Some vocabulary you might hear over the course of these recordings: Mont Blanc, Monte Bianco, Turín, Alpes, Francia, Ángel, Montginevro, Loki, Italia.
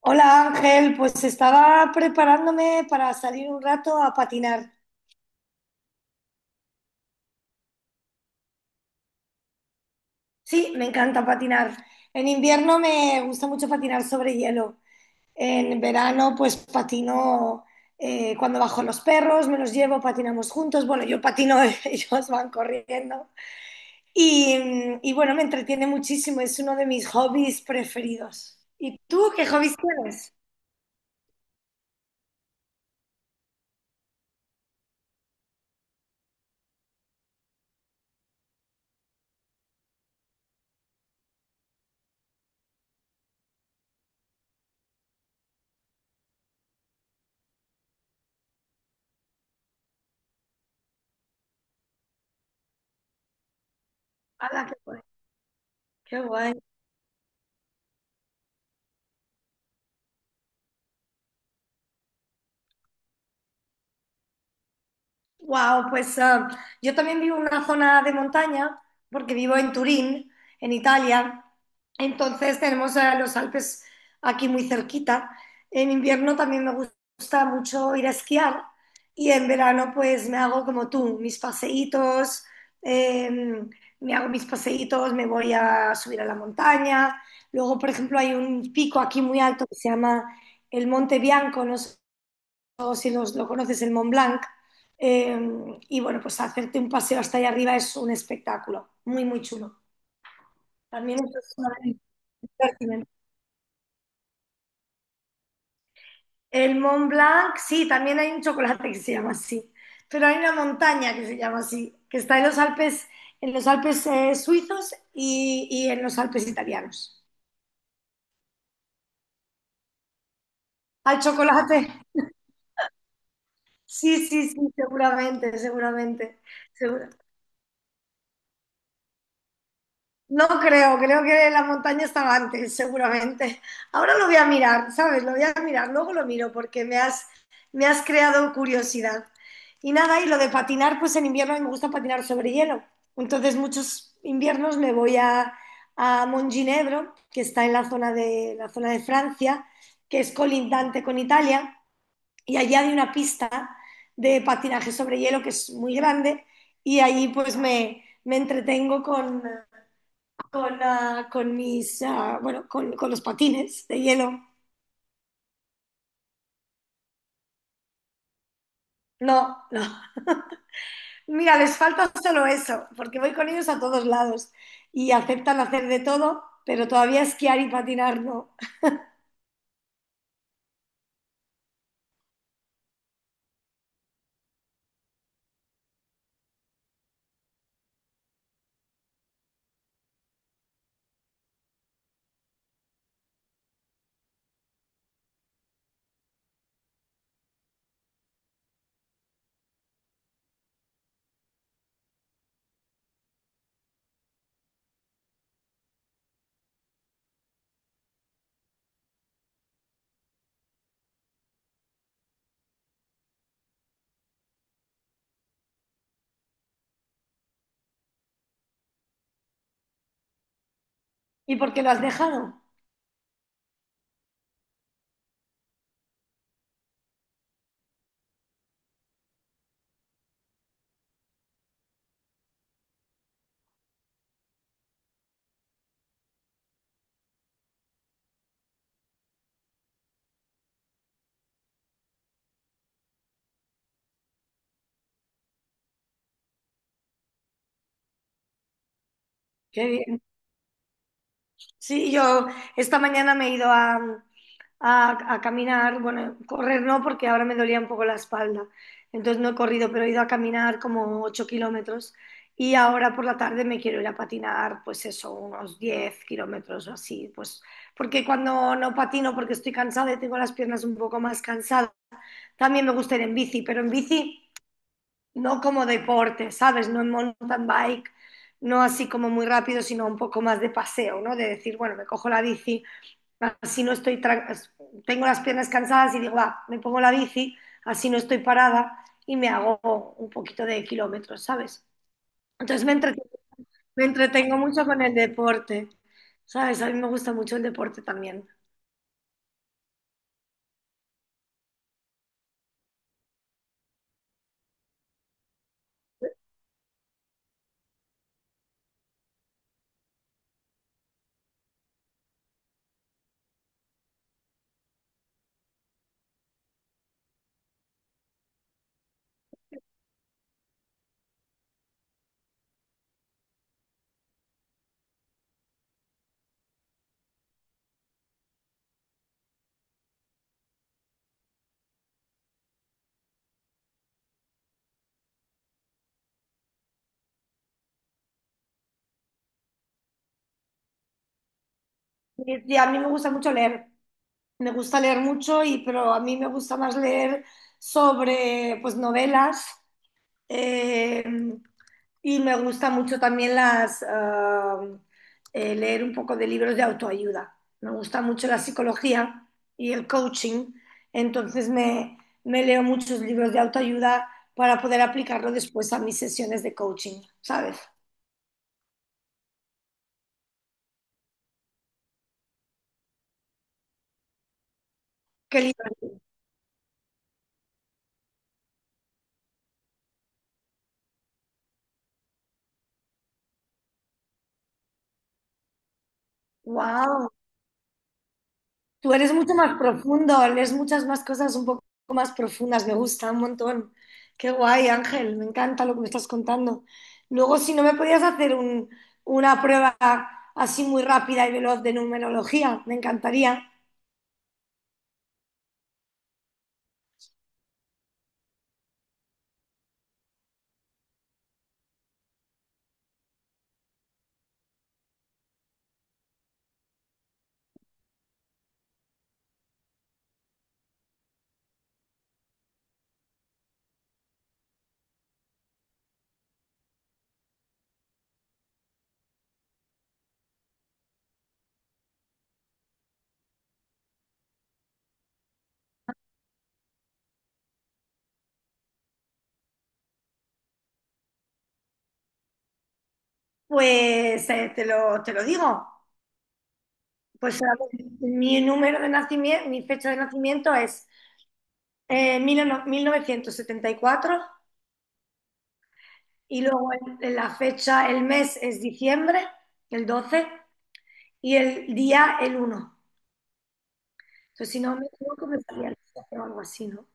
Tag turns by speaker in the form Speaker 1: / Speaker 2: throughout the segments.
Speaker 1: Hola Ángel, pues estaba preparándome para salir un rato a patinar. Sí, me encanta patinar. En invierno me gusta mucho patinar sobre hielo. En verano pues patino cuando bajo los perros, me los llevo, patinamos juntos. Bueno, yo patino, ellos van corriendo. Y bueno, me entretiene muchísimo, es uno de mis hobbies preferidos. ¿Y tú qué hobbies tienes? ¡Hala, qué guay! Qué guay. Wow, pues yo también vivo en una zona de montaña, porque vivo en Turín, en Italia. Entonces tenemos los Alpes aquí muy cerquita. En invierno también me gusta mucho ir a esquiar y en verano pues me hago como tú, mis paseítos, eh, me hago mis paseítos, me voy a subir a la montaña. Luego, por ejemplo, hay un pico aquí muy alto que se llama el Monte Bianco, no sé si lo conoces, el Mont Blanc. Eh, y bueno, pues hacerte un paseo hasta allá arriba es un espectáculo, muy, muy chulo. También esto es una pertinente. El Mont Blanc, sí, también hay un chocolate que se llama así, pero hay una montaña que se llama así, que está en los Alpes suizos y en los Alpes italianos. Hay chocolate, sí, sí, sí, seguramente, seguramente, seguro. No creo, creo que la montaña estaba antes, seguramente. Ahora lo voy a mirar, ¿sabes? Lo voy a mirar, luego lo miro porque me has creado curiosidad. Y nada, y lo de patinar, pues en invierno a mí me gusta patinar sobre hielo. Entonces muchos inviernos me voy a Montginevro, que está en la zona de Francia, que es colindante con Italia, y allí hay una pista de patinaje sobre hielo que es muy grande y allí pues me entretengo con mis, bueno, con los patines de hielo. No, no. Mira, les falta solo eso, porque voy con ellos a todos lados y aceptan hacer de todo, pero todavía esquiar y patinar no. ¿Y por qué lo has dejado? Qué bien. Sí, yo esta mañana me he ido a, a caminar, bueno, correr no, porque ahora me dolía un poco la espalda, entonces no he corrido, pero he ido a caminar como 8 kilómetros y ahora por la tarde me quiero ir a patinar, pues eso, unos 10 kilómetros o así, pues porque cuando no patino, porque estoy cansada y tengo las piernas un poco más cansadas, también me gusta ir en bici, pero en bici no como deporte, ¿sabes? No en mountain bike, no así como muy rápido, sino un poco más de paseo, ¿no? De decir, bueno, me cojo la bici, así no estoy, tengo las piernas cansadas y digo, va, me pongo la bici, así no estoy parada y me hago un poquito de kilómetros, ¿sabes? Entonces me entretengo mucho con el deporte, ¿sabes? A mí me gusta mucho el deporte también. Y a mí me gusta mucho leer, me gusta leer mucho, y, pero a mí me gusta más leer sobre, pues, novelas Eh, y me gusta mucho también leer un poco de libros de autoayuda. Me gusta mucho la psicología y el coaching, entonces me leo muchos libros de autoayuda para poder aplicarlo después a mis sesiones de coaching, ¿sabes? ¡Qué libro! ¡Wow! Tú eres mucho más profundo, lees muchas más cosas un poco más profundas, me gusta un montón. Qué guay, Ángel, me encanta lo que me estás contando. Luego, si no me podías hacer una prueba así muy rápida y veloz de numerología, me encantaría. Pues te lo digo. Pues a ver, mi número de nacimiento, mi fecha de nacimiento es 1974 y cuatro y luego la fecha, el mes es diciembre, el 12. Y el día el uno. Entonces, si no me equivoco, me salía el 7 o algo así, ¿no?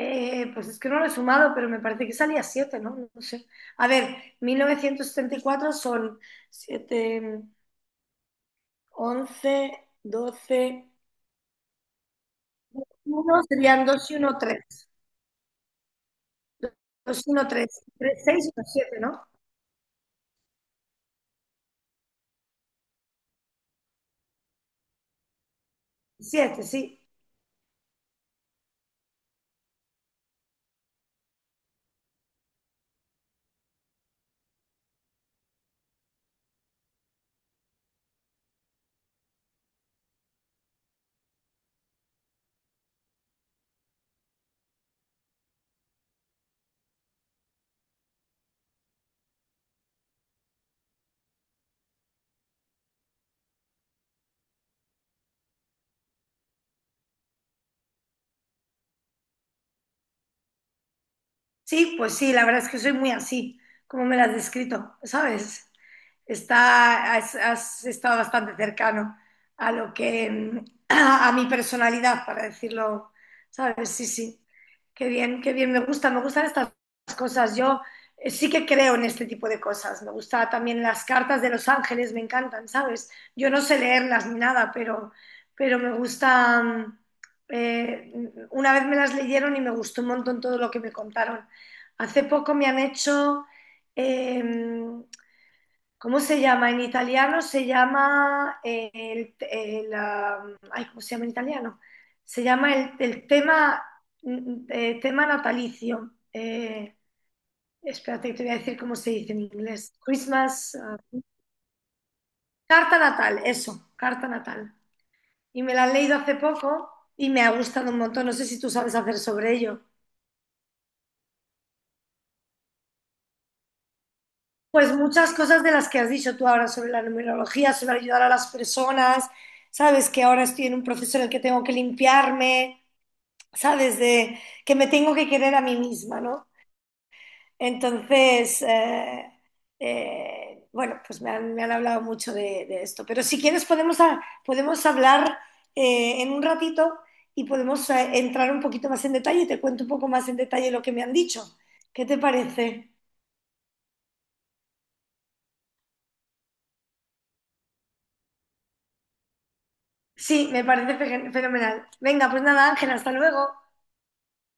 Speaker 1: Pues es que no lo he sumado, pero me parece que salía siete, ¿no? No sé. A ver, 1974 son siete, once, doce, uno serían 2 y uno tres, 2 y 1, 3 3, 6 y uno siete, ¿no? Siete, sí. Sí, pues sí, la verdad es que soy muy así, como me la has descrito, ¿sabes? Has estado bastante cercano a lo que, a, mi personalidad, para decirlo, ¿sabes? Sí, sí. Qué bien, me gusta, me gustan estas cosas. Yo sí que creo en este tipo de cosas. Me gusta también las cartas de los ángeles, me encantan, ¿sabes? Yo no sé leerlas ni nada, pero me gusta. Eh, una vez me las leyeron y me gustó un montón todo lo que me contaron. Hace poco me han hecho, eh, ¿cómo se llama? En italiano se llama ¿cómo se llama en italiano? Se llama el tema natalicio. Espérate, te voy a decir cómo se dice en inglés. Christmas, carta natal, eso, carta natal. Y me la han leído hace poco y me ha gustado un montón. No sé si tú sabes hacer sobre ello. Pues muchas cosas de las que has dicho tú ahora sobre la numerología, sobre ayudar a las personas, sabes que ahora estoy en un proceso en el que tengo que limpiarme, sabes de que me tengo que querer a mí misma, ¿no? Entonces, bueno, pues me han hablado mucho de esto, pero si quieres podemos hablar en un ratito y podemos entrar un poquito más en detalle, te cuento un poco más en detalle lo que me han dicho. ¿Qué te parece? Sí, me parece fenomenal. Venga, pues nada, Ángel, hasta luego.